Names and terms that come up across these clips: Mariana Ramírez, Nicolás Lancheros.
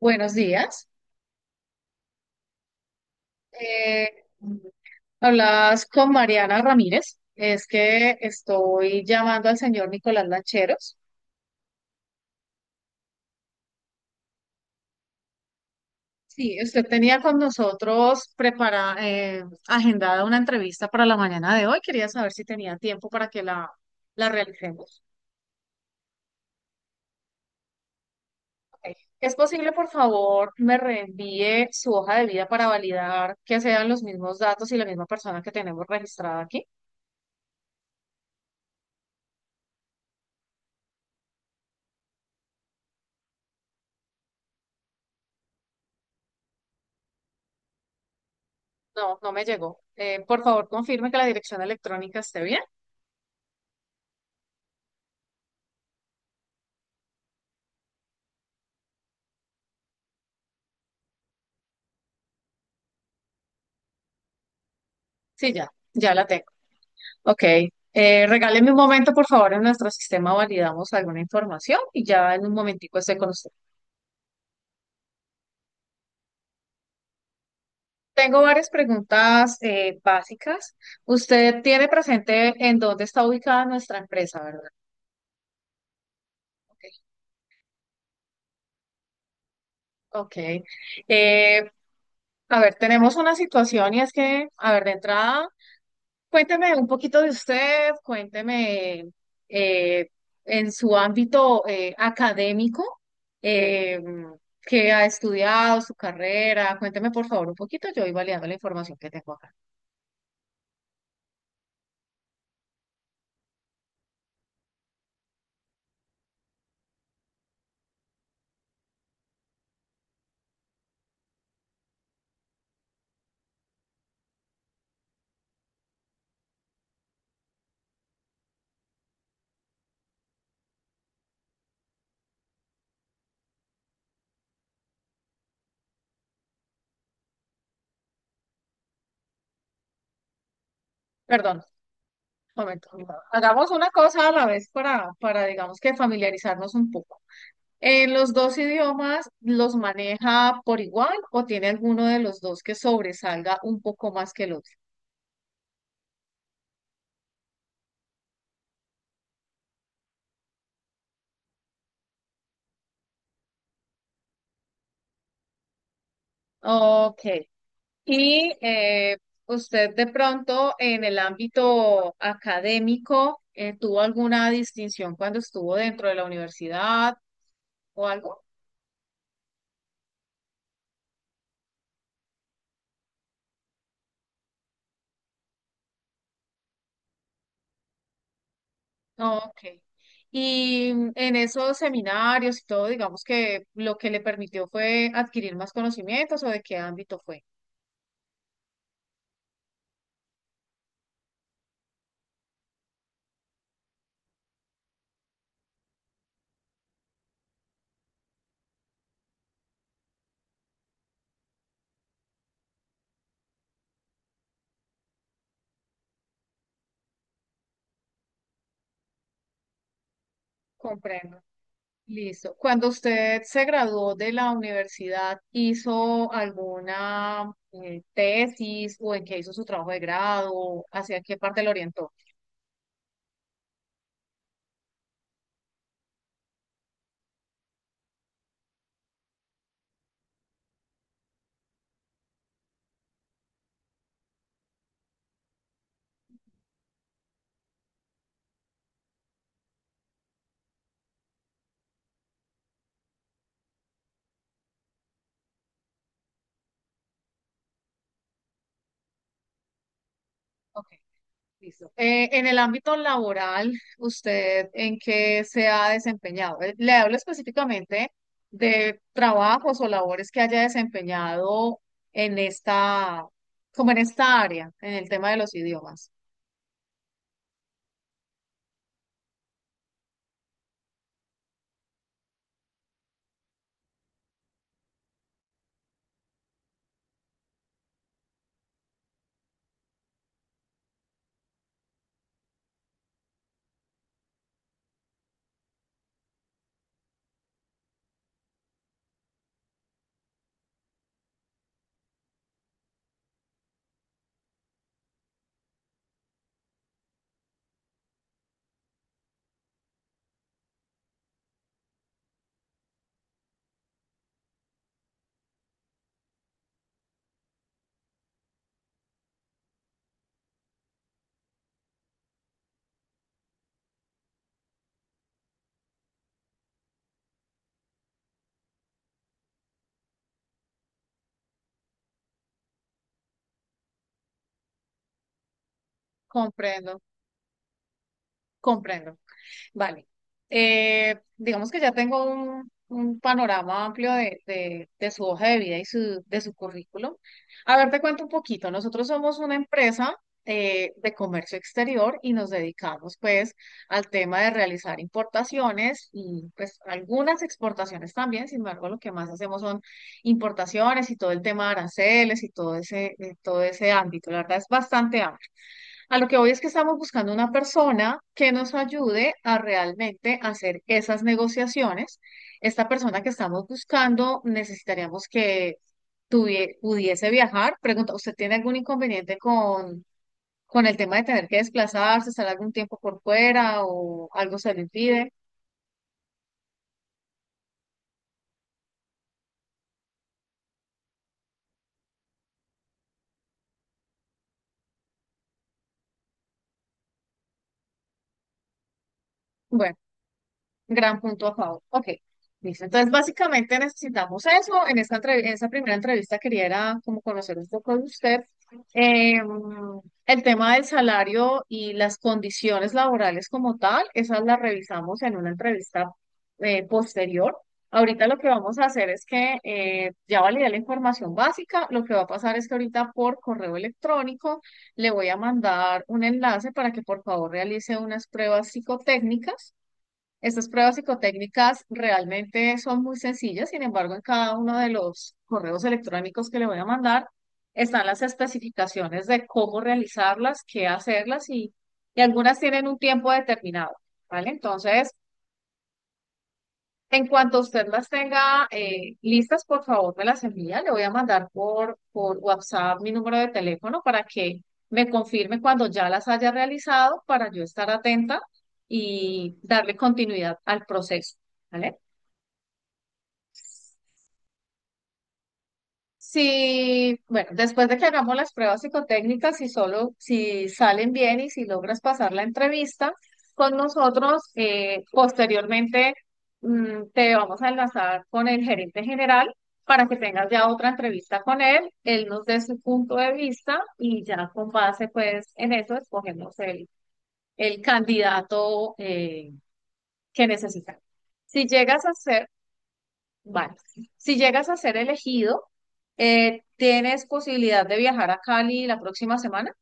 Buenos días. Eh, Hablas con Mariana Ramírez. Es que estoy llamando al señor Nicolás Lancheros. Sí, usted tenía con nosotros prepara, agendada una entrevista para la mañana de hoy. Quería saber si tenía tiempo para que la realicemos. Ok. ¿Es posible, por favor, me reenvíe su hoja de vida para validar que sean los mismos datos y la misma persona que tenemos registrada aquí? No, no me llegó. Por favor, confirme que la dirección electrónica esté bien. Sí, ya la tengo. Ok. Regáleme un momento, por favor, en nuestro sistema validamos alguna información y ya en un momentico estoy con usted. Tengo varias preguntas básicas. Usted tiene presente en dónde está ubicada nuestra empresa, ¿verdad? Ok. Ok. Eh, a ver, tenemos una situación y es que, a ver, de entrada, cuénteme un poquito de usted, cuénteme eh, en su ámbito académico, eh, qué ha estudiado, su carrera. Cuénteme por favor un poquito, yo voy validando la información que tengo acá. Perdón, un momento. Hagamos una cosa a la vez para digamos que familiarizarnos un poco. ¿En los dos idiomas los maneja por igual o tiene alguno de los dos que sobresalga un poco más que el otro? Ok. Y usted de pronto en el ámbito académico tuvo alguna distinción cuando estuvo dentro de la universidad o algo. No, ok. Y en esos seminarios y todo, digamos que lo que le permitió fue adquirir más conocimientos o de qué ámbito fue. Comprendo. Listo. Cuando usted se graduó de la universidad, ¿hizo alguna tesis o en qué hizo su trabajo de grado? ¿Hacia qué parte lo orientó? Ok, listo. En el ámbito laboral, ¿usted en qué se ha desempeñado? Le hablo específicamente de trabajos o labores que haya desempeñado en como en esta área, en el tema de los idiomas. Comprendo, comprendo. Vale. Digamos que ya tengo un panorama amplio de su hoja de vida y de su currículum. A ver, te cuento un poquito. Nosotros somos una empresa de comercio exterior y nos dedicamos pues al tema de realizar importaciones y pues algunas exportaciones también. Sin embargo, lo que más hacemos son importaciones y todo el tema de aranceles y todo ese ámbito. La verdad es bastante amplio. A lo que hoy es que estamos buscando una persona que nos ayude a realmente hacer esas negociaciones. Esta persona que estamos buscando necesitaríamos que tuvie- pudiese viajar. Pregunta, ¿usted tiene algún inconveniente con el tema de tener que desplazarse, estar algún tiempo por fuera o algo se le impide? Bueno. Gran punto a favor. Ok, listo. Entonces, básicamente necesitamos eso. En entrev- en esa primera entrevista quería era como conocer un poco de usted. Eh, el tema del salario y las condiciones laborales como tal, esas las revisamos en una entrevista posterior. Ahorita lo que vamos a hacer es que ya validé la información básica. Lo que va a pasar es que ahorita por correo electrónico le voy a mandar un enlace para que por favor realice unas pruebas psicotécnicas. Estas pruebas psicotécnicas realmente son muy sencillas, sin embargo, en cada uno de los correos electrónicos que le voy a mandar están las especificaciones de cómo realizarlas, qué hacerlas y algunas tienen un tiempo determinado, ¿vale? Entonces, en cuanto usted las tenga listas, por favor me las envía. Le voy a mandar por WhatsApp mi número de teléfono para que me confirme cuando ya las haya realizado para yo estar atenta y darle continuidad al proceso, ¿vale? Sí, bueno, después de que hagamos las pruebas psicotécnicas, si solo, si salen bien y si logras pasar la entrevista con nosotros, posteriormente te vamos a enlazar con el gerente general para que tengas ya otra entrevista con él, él nos dé su punto de vista y ya con base pues en eso escogemos el candidato que necesitamos. Si llegas a ser... Vale. Si llegas a ser elegido, ¿tienes posibilidad de viajar a Cali la próxima semana?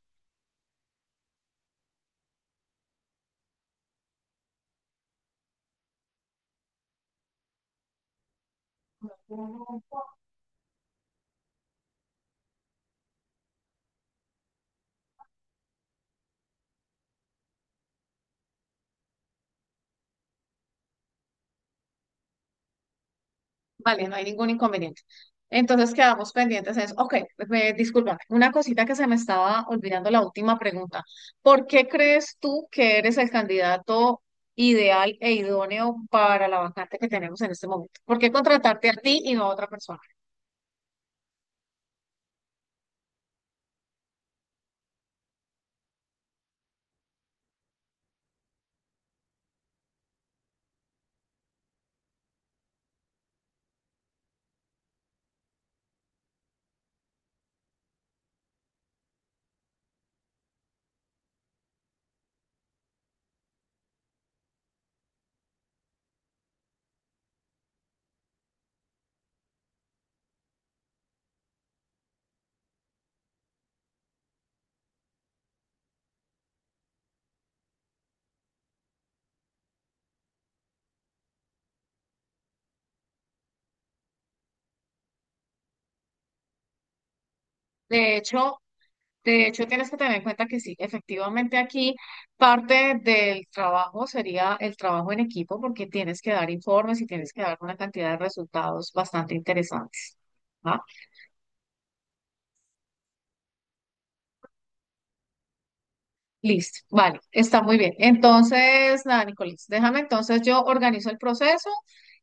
Vale, no hay ningún inconveniente. Entonces quedamos pendientes en eso. Ok, me, disculpa, una cosita que se me estaba olvidando, la última pregunta. ¿Por qué crees tú que eres el candidato ideal e idóneo para la vacante que tenemos en este momento? ¿Por qué contratarte a ti y no a otra persona? De hecho, De hecho, tienes que tener en cuenta que sí, efectivamente aquí parte del trabajo sería el trabajo en equipo porque tienes que dar informes y tienes que dar una cantidad de resultados bastante interesantes. ¿Va? Listo, vale, está muy bien. Entonces, nada, Nicolás, déjame entonces yo organizo el proceso,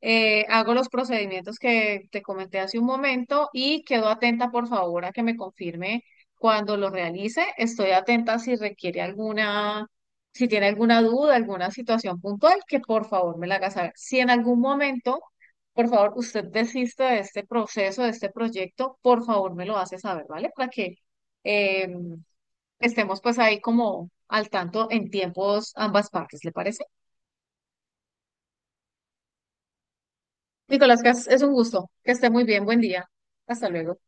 hago los procedimientos que te comenté hace un momento y quedo atenta, por favor, a que me confirme cuando lo realice. Estoy atenta si requiere alguna, si tiene alguna duda, alguna situación puntual, que por favor me la haga saber. Si en algún momento, por favor, usted desiste de este proceso, de este proyecto, por favor me lo hace saber, ¿vale? Para que... em, estemos pues ahí como al tanto en tiempos ambas partes, ¿le parece? Nicolás, que es un gusto, que esté muy bien, buen día, hasta luego.